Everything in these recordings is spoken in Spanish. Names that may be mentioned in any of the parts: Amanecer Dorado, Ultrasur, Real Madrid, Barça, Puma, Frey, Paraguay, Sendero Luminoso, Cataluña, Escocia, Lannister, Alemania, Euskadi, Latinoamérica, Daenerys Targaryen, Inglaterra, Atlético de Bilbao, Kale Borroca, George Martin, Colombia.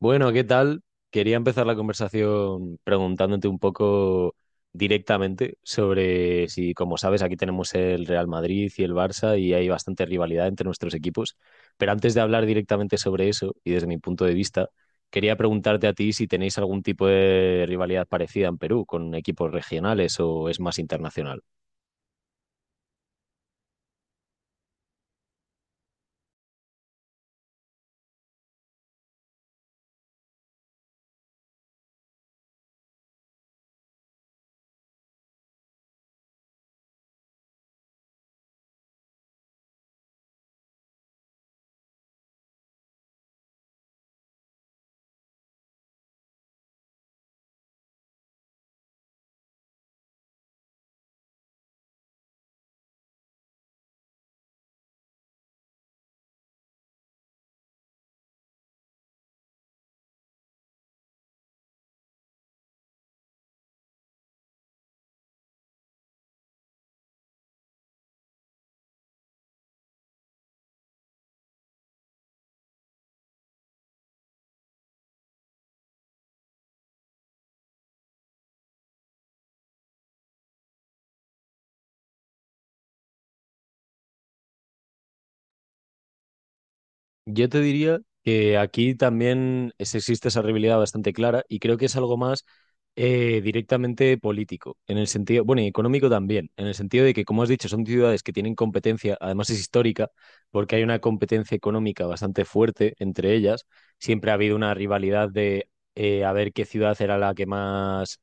Bueno, ¿qué tal? Quería empezar la conversación preguntándote un poco directamente sobre si, como sabes, aquí tenemos el Real Madrid y el Barça y hay bastante rivalidad entre nuestros equipos. Pero antes de hablar directamente sobre eso, y desde mi punto de vista, quería preguntarte a ti si tenéis algún tipo de rivalidad parecida en Perú con equipos regionales o es más internacional. Yo te diría que aquí también existe esa rivalidad bastante clara y creo que es algo más directamente político, en el sentido, bueno, y económico también, en el sentido de que, como has dicho, son ciudades que tienen competencia, además es histórica, porque hay una competencia económica bastante fuerte entre ellas. Siempre ha habido una rivalidad de a ver qué ciudad era la que más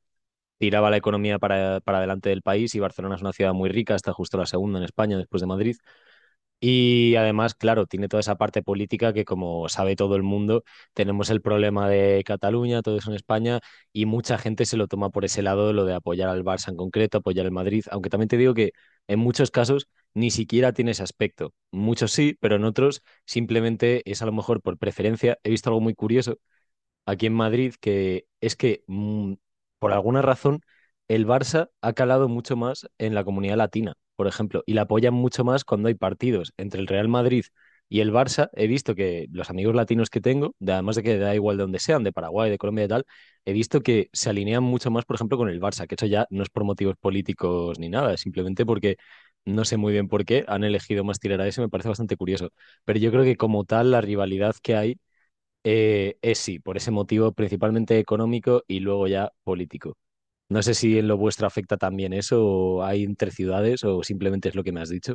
tiraba la economía para adelante del país y Barcelona es una ciudad muy rica, está justo la segunda en España después de Madrid. Y además, claro, tiene toda esa parte política que, como sabe todo el mundo, tenemos el problema de Cataluña, todo eso en España, y mucha gente se lo toma por ese lado, lo de apoyar al Barça en concreto, apoyar al Madrid, aunque también te digo que en muchos casos ni siquiera tiene ese aspecto. Muchos sí, pero en otros simplemente es a lo mejor por preferencia. He visto algo muy curioso aquí en Madrid, que es que por alguna razón el Barça ha calado mucho más en la comunidad latina, por ejemplo, y la apoyan mucho más cuando hay partidos entre el Real Madrid y el Barça. He visto que los amigos latinos que tengo, además de que da igual de donde sean, de Paraguay, de Colombia y tal, he visto que se alinean mucho más, por ejemplo, con el Barça, que eso ya no es por motivos políticos ni nada, es simplemente porque no sé muy bien por qué han elegido más tirar a eso, me parece bastante curioso. Pero yo creo que como tal, la rivalidad que hay sí, por ese motivo principalmente económico y luego ya político. No sé si en lo vuestro afecta también eso, o hay entre ciudades, o simplemente es lo que me has dicho.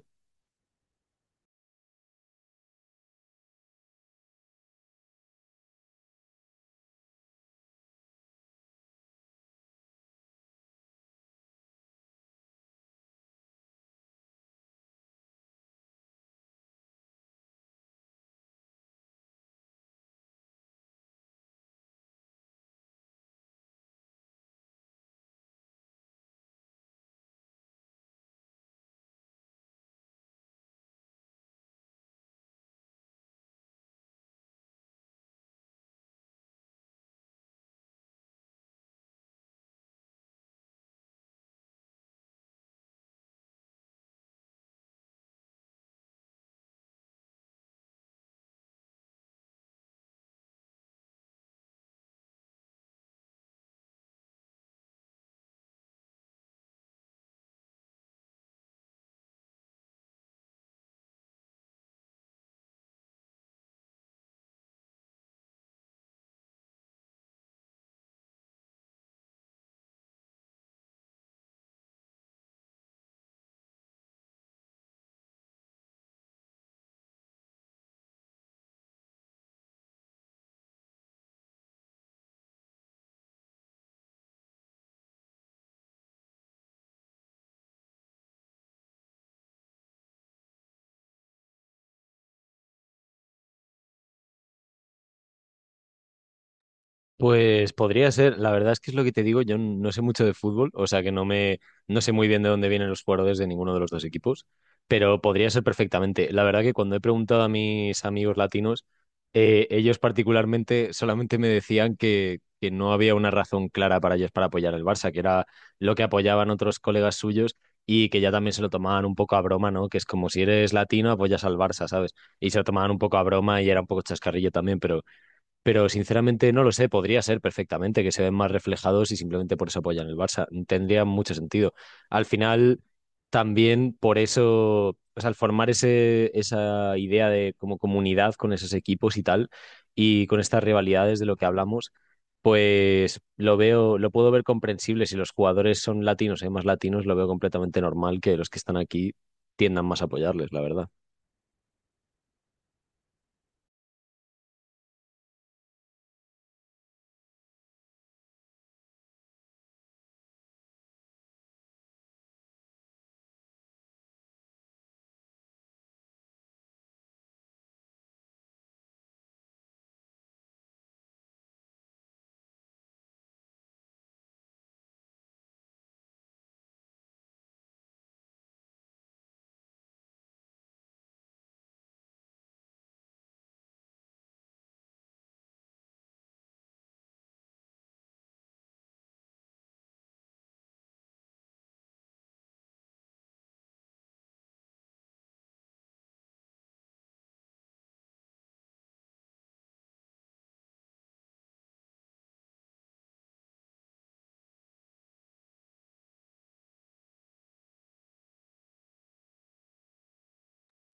Pues podría ser, la verdad es que es lo que te digo, yo no sé mucho de fútbol, o sea que no sé muy bien de dónde vienen los jugadores de ninguno de los dos equipos, pero podría ser perfectamente. La verdad que cuando he preguntado a mis amigos latinos, ellos particularmente solamente me decían que no había una razón clara para ellos para apoyar al Barça, que era lo que apoyaban otros colegas suyos y que ya también se lo tomaban un poco a broma, ¿no? Que es como si eres latino, apoyas al Barça, ¿sabes? Y se lo tomaban un poco a broma y era un poco chascarrillo también, pero. Pero sinceramente no lo sé, podría ser perfectamente que se ven más reflejados y simplemente por eso apoyan el Barça. Tendría mucho sentido. Al final, también por eso, o sea, al formar esa idea de como comunidad con esos equipos y tal, y con estas rivalidades de lo que hablamos, pues lo veo, lo puedo ver comprensible. Si los jugadores son latinos, hay más latinos, lo veo completamente normal que los que están aquí tiendan más a apoyarles, la verdad.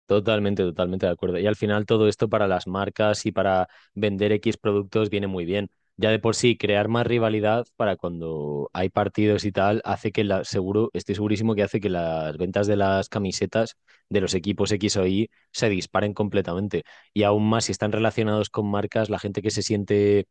Totalmente, totalmente de acuerdo. Y al final todo esto para las marcas y para vender X productos viene muy bien. Ya de por sí, crear más rivalidad para cuando hay partidos y tal, hace que la, seguro, estoy segurísimo que hace que las ventas de las camisetas de los equipos X o Y se disparen completamente. Y aún más si están relacionados con marcas, la gente que se siente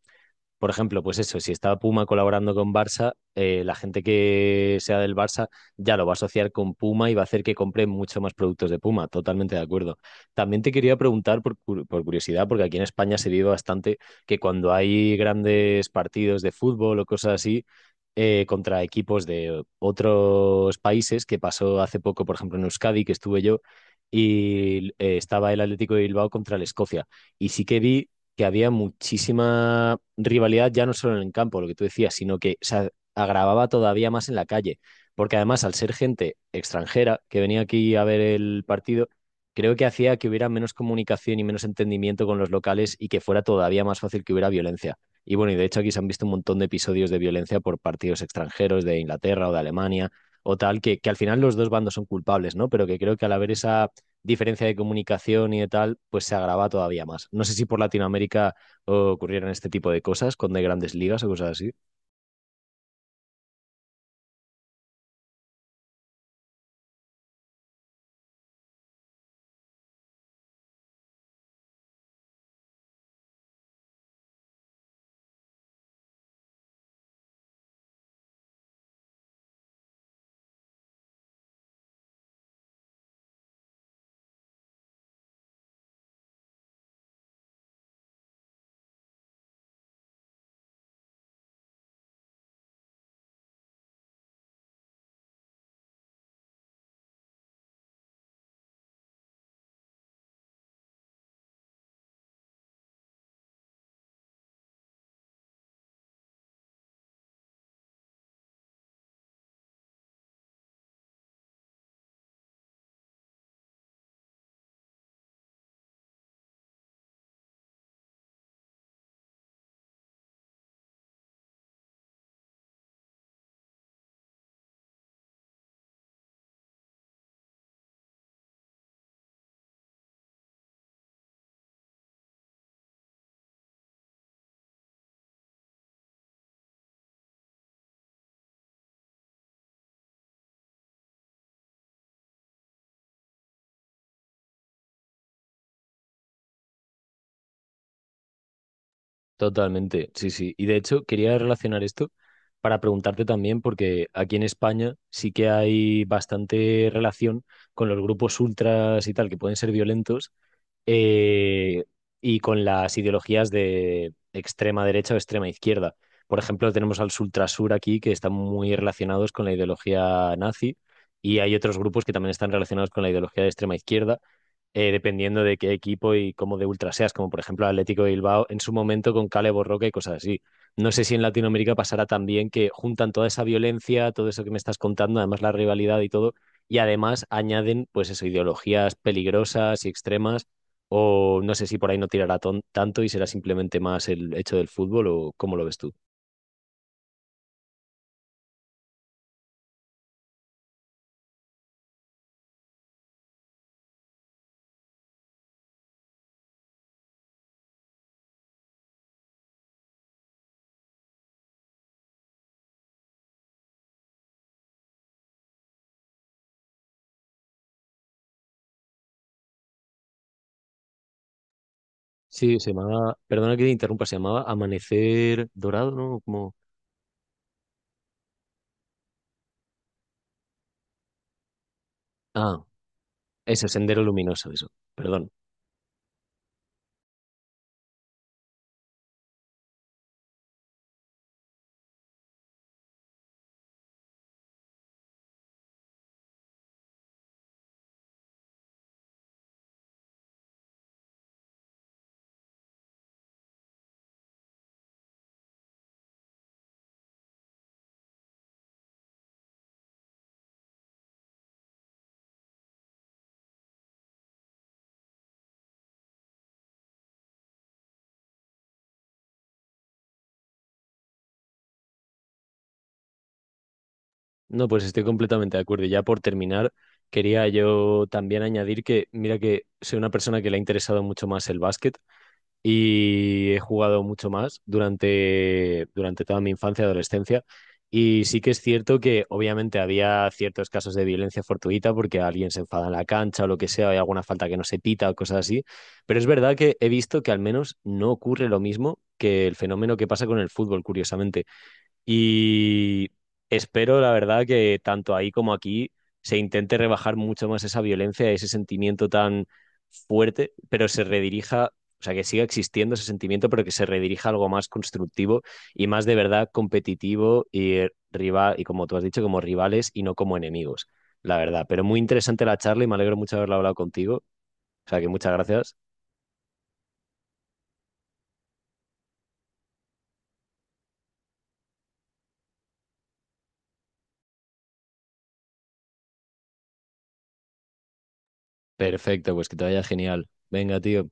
por ejemplo, pues eso, si está Puma colaborando con Barça, la gente que sea del Barça ya lo va a asociar con Puma y va a hacer que compre mucho más productos de Puma. Totalmente de acuerdo. También te quería preguntar por, por curiosidad, porque aquí en España se vive bastante que cuando hay grandes partidos de fútbol o cosas así, contra equipos de otros países, que pasó hace poco, por ejemplo, en Euskadi, que estuve yo, y estaba el Atlético de Bilbao contra el Escocia. Y sí que vi que había muchísima rivalidad, ya no solo en el campo, lo que tú decías, sino que se agravaba todavía más en la calle. Porque además, al ser gente extranjera que venía aquí a ver el partido, creo que hacía que hubiera menos comunicación y menos entendimiento con los locales y que fuera todavía más fácil que hubiera violencia. Y bueno, y de hecho aquí se han visto un montón de episodios de violencia por partidos extranjeros de Inglaterra o de Alemania o tal, que al final los dos bandos son culpables, ¿no? Pero que creo que al haber esa diferencia de comunicación y de tal, pues se agrava todavía más. No sé si por Latinoamérica oh, ocurrieran este tipo de cosas con de grandes ligas o cosas así. Totalmente, sí, sí. Y de hecho, quería relacionar esto para preguntarte también, porque aquí en España sí que hay bastante relación con los grupos ultras y tal, que pueden ser violentos, eh, y con las ideologías de extrema derecha o extrema izquierda. Por ejemplo, tenemos al Ultrasur aquí que están muy relacionados con la ideología nazi y hay otros grupos que también están relacionados con la ideología de extrema izquierda, dependiendo de qué equipo y cómo de ultra seas, como por ejemplo Atlético de Bilbao en su momento con Kale Borroca y cosas así. No sé si en Latinoamérica pasará también que juntan toda esa violencia, todo eso que me estás contando, además la rivalidad y todo, y además añaden pues eso, ideologías peligrosas y extremas o no sé si por ahí no tirará tanto y será simplemente más el hecho del fútbol o cómo lo ves tú. Sí, se llamaba, perdona que te interrumpa, se llamaba Amanecer Dorado, ¿no? Como, ah, eso, Sendero Luminoso, eso, perdón. No, pues estoy completamente de acuerdo. Y ya por terminar, quería yo también añadir que, mira que soy una persona que le ha interesado mucho más el básquet y he jugado mucho más durante toda mi infancia y adolescencia. Y sí que es cierto que obviamente había ciertos casos de violencia fortuita porque alguien se enfada en la cancha o lo que sea, hay alguna falta que no se pita o cosas así, pero es verdad que he visto que al menos no ocurre lo mismo que el fenómeno que pasa con el fútbol, curiosamente. Y espero, la verdad, que tanto ahí como aquí se intente rebajar mucho más esa violencia, ese sentimiento tan fuerte, pero se redirija, o sea, que siga existiendo ese sentimiento, pero que se redirija a algo más constructivo y más de verdad competitivo y rival, y como tú has dicho, como rivales y no como enemigos, la verdad. Pero muy interesante la charla y me alegro mucho de haberla hablado contigo. O sea, que muchas gracias. Perfecto, pues que te vaya genial. Venga, tío.